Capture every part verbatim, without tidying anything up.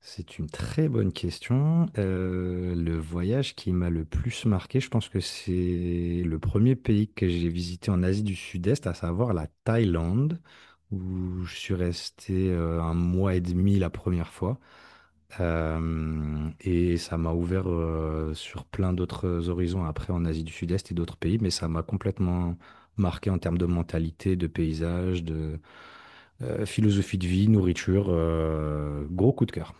C'est une très bonne question. Euh, le voyage qui m'a le plus marqué, je pense que c'est le premier pays que j'ai visité en Asie du Sud-Est, à savoir la Thaïlande, où je suis resté euh, un mois et demi la première fois. Euh, et ça m'a ouvert euh, sur plein d'autres horizons après en Asie du Sud-Est et d'autres pays, mais ça m'a complètement marqué en termes de mentalité, de paysage, de euh, philosophie de vie, nourriture. euh, gros coup de cœur.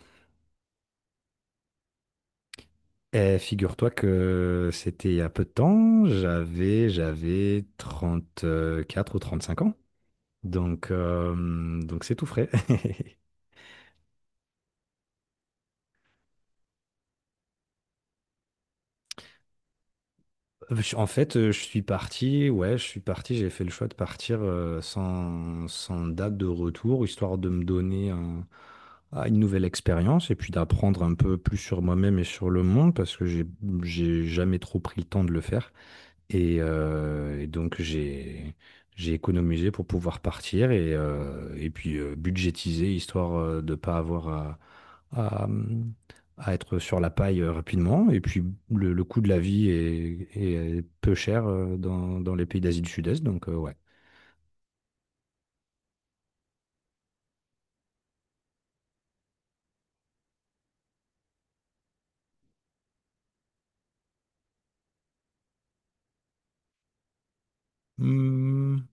Eh, figure-toi que c'était il y a peu de temps, j'avais j'avais trente-quatre ou trente-cinq ans, donc euh, donc c'est tout frais. Je- En fait, euh, je suis parti, ouais, je suis parti, j'ai fait le choix de partir euh, sans, sans date de retour, histoire de me donner un- à une nouvelle expérience et puis d'apprendre un peu plus sur moi-même et sur le monde, parce que j'ai j'ai jamais trop pris le temps de le faire. Et, euh, et donc j'ai j'ai économisé pour pouvoir partir et, euh, et puis euh, budgétiser, histoire euh, de pas avoir à, à, hum, à être sur la paille euh, rapidement. Et puis le, le coût de la vie est, est peu cher euh, dans, dans les pays d'Asie du Sud-Est, donc euh, ouais. Hum,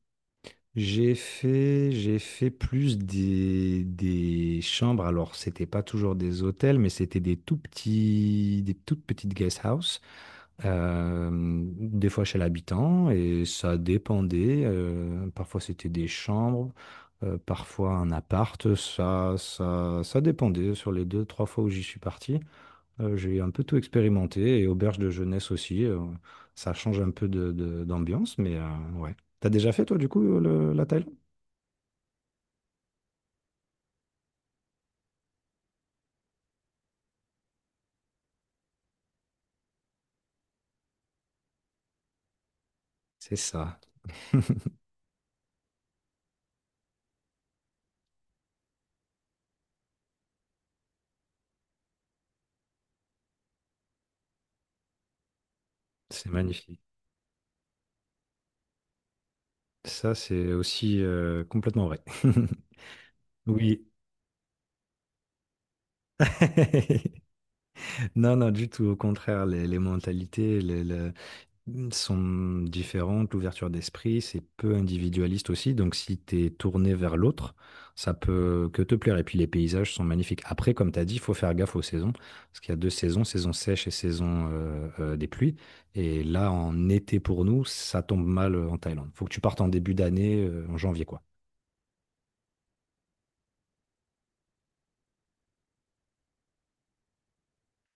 j'ai fait j'ai fait plus des, des chambres. Alors c'était pas toujours des hôtels, mais c'était des tout petits des toutes petites guest houses, euh, des fois chez l'habitant, et ça dépendait. Euh, parfois c'était des chambres, euh, parfois un appart, ça, ça, ça dépendait. Sur les deux, trois fois où j'y suis parti, euh, j'ai un peu tout expérimenté, et auberge de jeunesse aussi, euh, ça change un peu de, de- d'ambiance, mais euh, ouais. T'as déjà fait toi du coup le- la Thaïlande? C'est ça, c'est magnifique. Ça, c'est aussi euh, complètement vrai. Oui. Non, non, du tout. Au contraire, les, les mentalités, les, le- sont différentes, l'ouverture d'esprit, c'est peu individualiste aussi, donc si tu es tourné vers l'autre, ça peut que te plaire. Et puis les paysages sont magnifiques. Après, comme tu as dit, il faut faire gaffe aux saisons, parce qu'il y a deux saisons, saison sèche et saison euh, euh, des pluies. Et là, en été pour nous, ça tombe mal euh, en Thaïlande. Faut que tu partes en début d'année, euh, en janvier, quoi.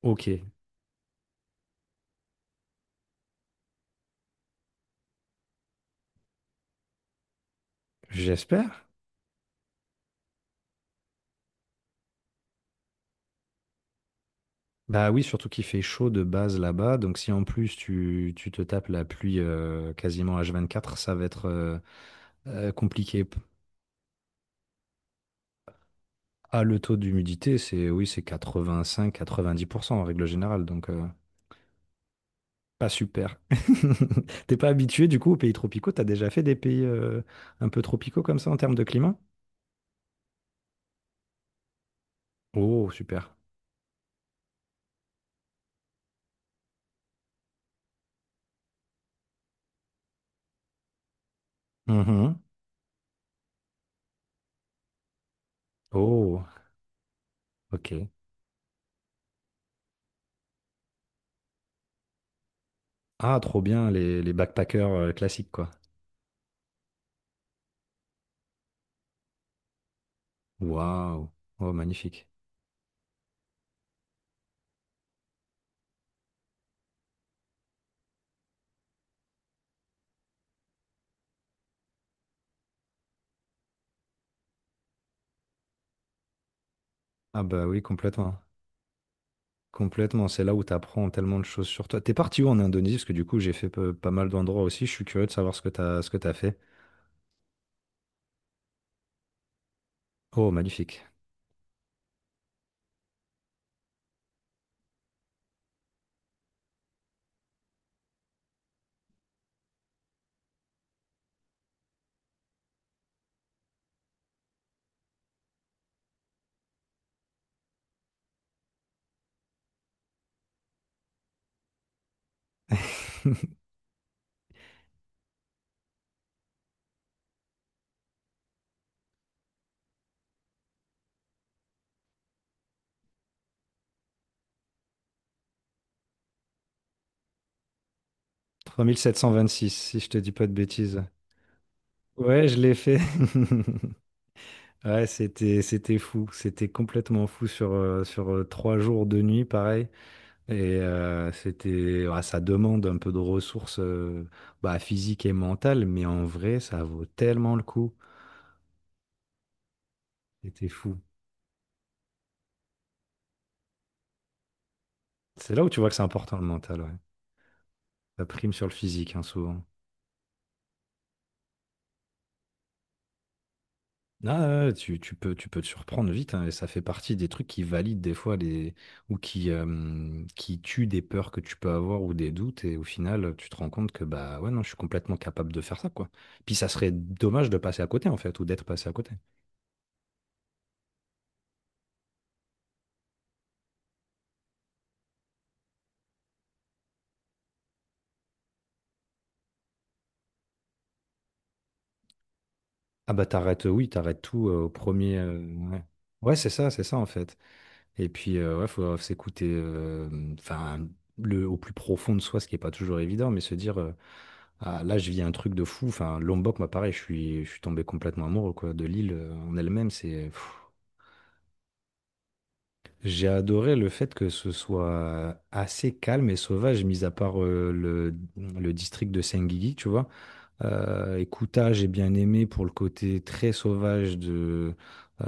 Ok, j'espère. Bah oui, surtout qu'il fait chaud de base là-bas, donc si en plus tu, tu te tapes la pluie euh, quasiment h vingt-quatre, ça va être euh, euh, compliqué. Ah, le taux d'humidité, c'est oui, c'est quatre-vingt-cinq-quatre-vingt-dix pour cent en règle générale, donc euh, pas super. T'es pas habitué du coup aux pays tropicaux, t'as déjà fait des pays euh, un peu tropicaux comme ça en termes de climat? Oh, super. Mhm. Oh, ok. Ah, trop bien, les, les backpackers euh, classiques, quoi. Waouh. Oh, magnifique. Ah bah oui, complètement. Complètement, c'est là où t'apprends tellement de choses sur toi. T'es parti où en Indonésie? Parce que du coup, j'ai fait pe- pas mal d'endroits aussi. Je suis curieux de savoir ce que t'as, ce que t'as fait. Oh, magnifique. trois mille sept cent vingt-six, si je te dis pas de bêtises. Ouais, je l'ai fait. Ouais, c'était c'était fou, c'était complètement fou sur euh, sur euh, trois jours de nuit, pareil. Et euh, c'était, ouais, ça demande un peu de ressources, euh, bah, physiques et mentales, mais en vrai, ça vaut tellement le coup. C'était fou. C'est là où tu vois que c'est important, le mental, ouais. Ça prime sur le physique, hein, souvent. Ah, ouais, tu, tu peux, tu peux te surprendre vite, hein, et ça fait partie des trucs qui valident des fois les, ou qui, euh, qui tuent des peurs que tu peux avoir ou des doutes, et au final, tu te rends compte que bah ouais, non, je suis complètement capable de faire ça, quoi. Puis ça serait dommage de passer à côté, en fait, ou d'être passé à côté. Ah bah t'arrêtes, euh, oui, t'arrêtes tout euh, au premier. euh, ouais, Ouais, c'est ça, c'est ça, en fait. Et puis, euh, ouais, faut s'écouter, euh, enfin, le, au plus profond de soi, ce qui est pas toujours évident, mais se dire. euh, Ah, là, je vis un truc de fou. Enfin, Lombok, moi, pareil, je suis, je suis, tombé complètement amoureux, quoi, de l'île euh, en elle-même. C'est, pff. J'ai adoré le fait que ce soit assez calme et sauvage, mis à part euh, le, le district de Senggigi, tu vois. Euh, et Kuta, j'ai bien aimé pour le côté très sauvage de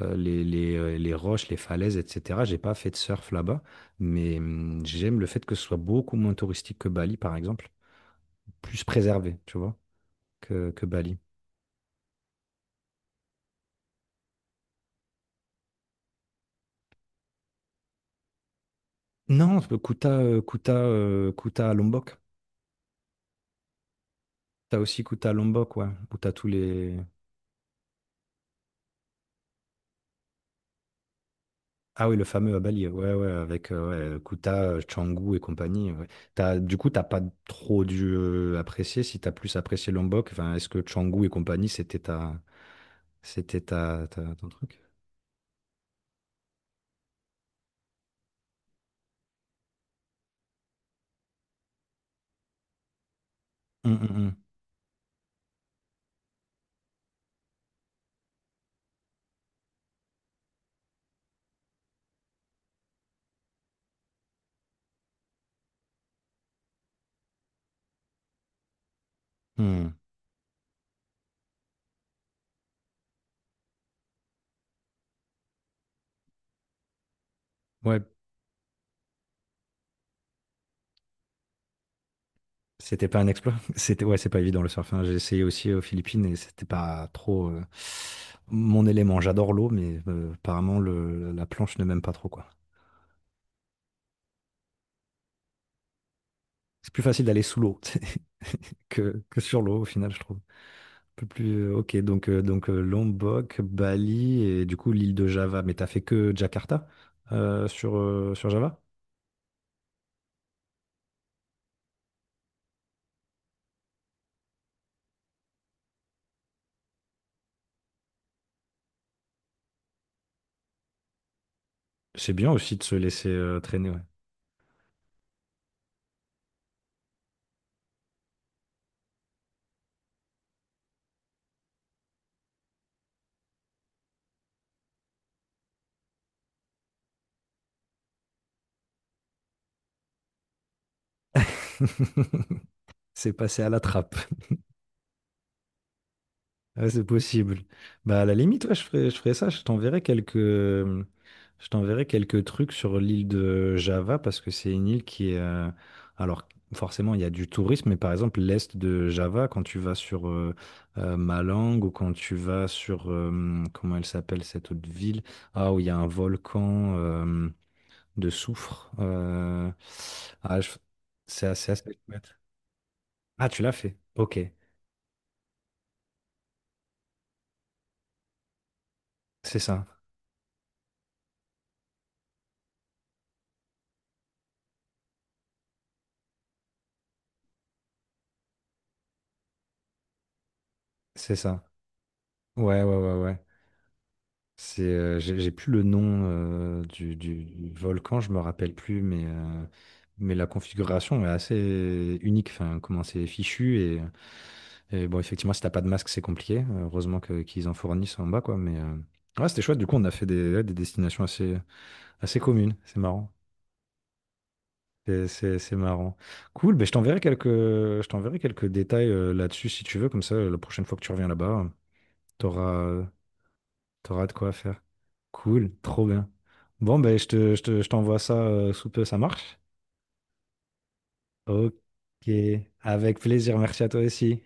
euh, les, les, euh, les roches, les falaises, et cetera. J'ai pas fait de surf là-bas, mais hum, j'aime le fait que ce soit beaucoup moins touristique que Bali, par exemple, plus préservé, tu vois, que, que Bali. Non, le Kuta, euh, Kuta, euh, Kuta à Lombok. T'as aussi Kuta à Lombok, ouais. Où t'as tous les. Ah oui, le fameux à Bali, ouais, ouais, avec euh, ouais, Kuta, euh, Canggu et compagnie. ouais. T'as, du coup, t'as pas trop dû euh, apprécier, si t'as plus apprécié Lombok, enfin, est-ce que Canggu et compagnie, c'était ta, c'était ta, ta- ton truc? Hum, hum, hum. Hum. Ouais, c'était pas un exploit. C'était, ouais, c'est pas évident, le surf. Hein. J'ai essayé aussi aux Philippines et c'était pas trop euh, mon élément. J'adore l'eau, mais euh, apparemment, le, la planche ne m'aime pas trop, quoi. C'est plus facile d'aller sous l'eau que, que sur l'eau, au final, je trouve. Un peu plus. euh, Ok, donc, euh, donc euh, Lombok, Bali et du coup l'île de Java. Mais t'as fait que Jakarta, euh, sur, euh, sur Java? C'est bien aussi de se laisser euh, traîner, ouais. C'est passé à la trappe. Ah, c'est possible. Bah, à la limite, ouais, je ferai, je ferai ça. Je t'enverrai quelques, euh, je t'enverrai quelques trucs sur l'île de Java parce que c'est une île qui est. Euh, alors, forcément, il y a du tourisme, mais par exemple, l'est de Java, quand tu vas sur euh, euh, Malang, ou quand tu vas sur. Euh, comment elle s'appelle cette autre ville? Ah, où il y a un volcan euh, de soufre. euh, ah, je- c'est assez, assez chouette. Ah, tu l'as fait. Ok, c'est ça. C'est ça. Ouais, ouais, ouais, ouais. C'est, euh, j'ai j'ai plus le nom euh, du, du du volcan, je me rappelle plus, mais, euh, mais la configuration est assez unique. Enfin, comment c'est fichu et, et bon, effectivement, si t'as pas de masque, c'est compliqué. Heureusement que- qu'ils en fournissent en bas, quoi. Mais euh, ouais, c'était chouette. Du coup, on a fait des, ouais, des destinations assez, assez communes. C'est marrant. C'est c'est- c'est marrant. Cool. Ben, je t'enverrai quelques, je t'enverrai quelques détails euh, là-dessus si tu veux. Comme ça, la prochaine fois que tu reviens là-bas, t'auras euh, T'auras de quoi faire. Cool, trop bien. Bon, ben, je te, je te- je t'envoie ça euh, sous peu, ça marche? Ok, avec plaisir, merci à toi aussi.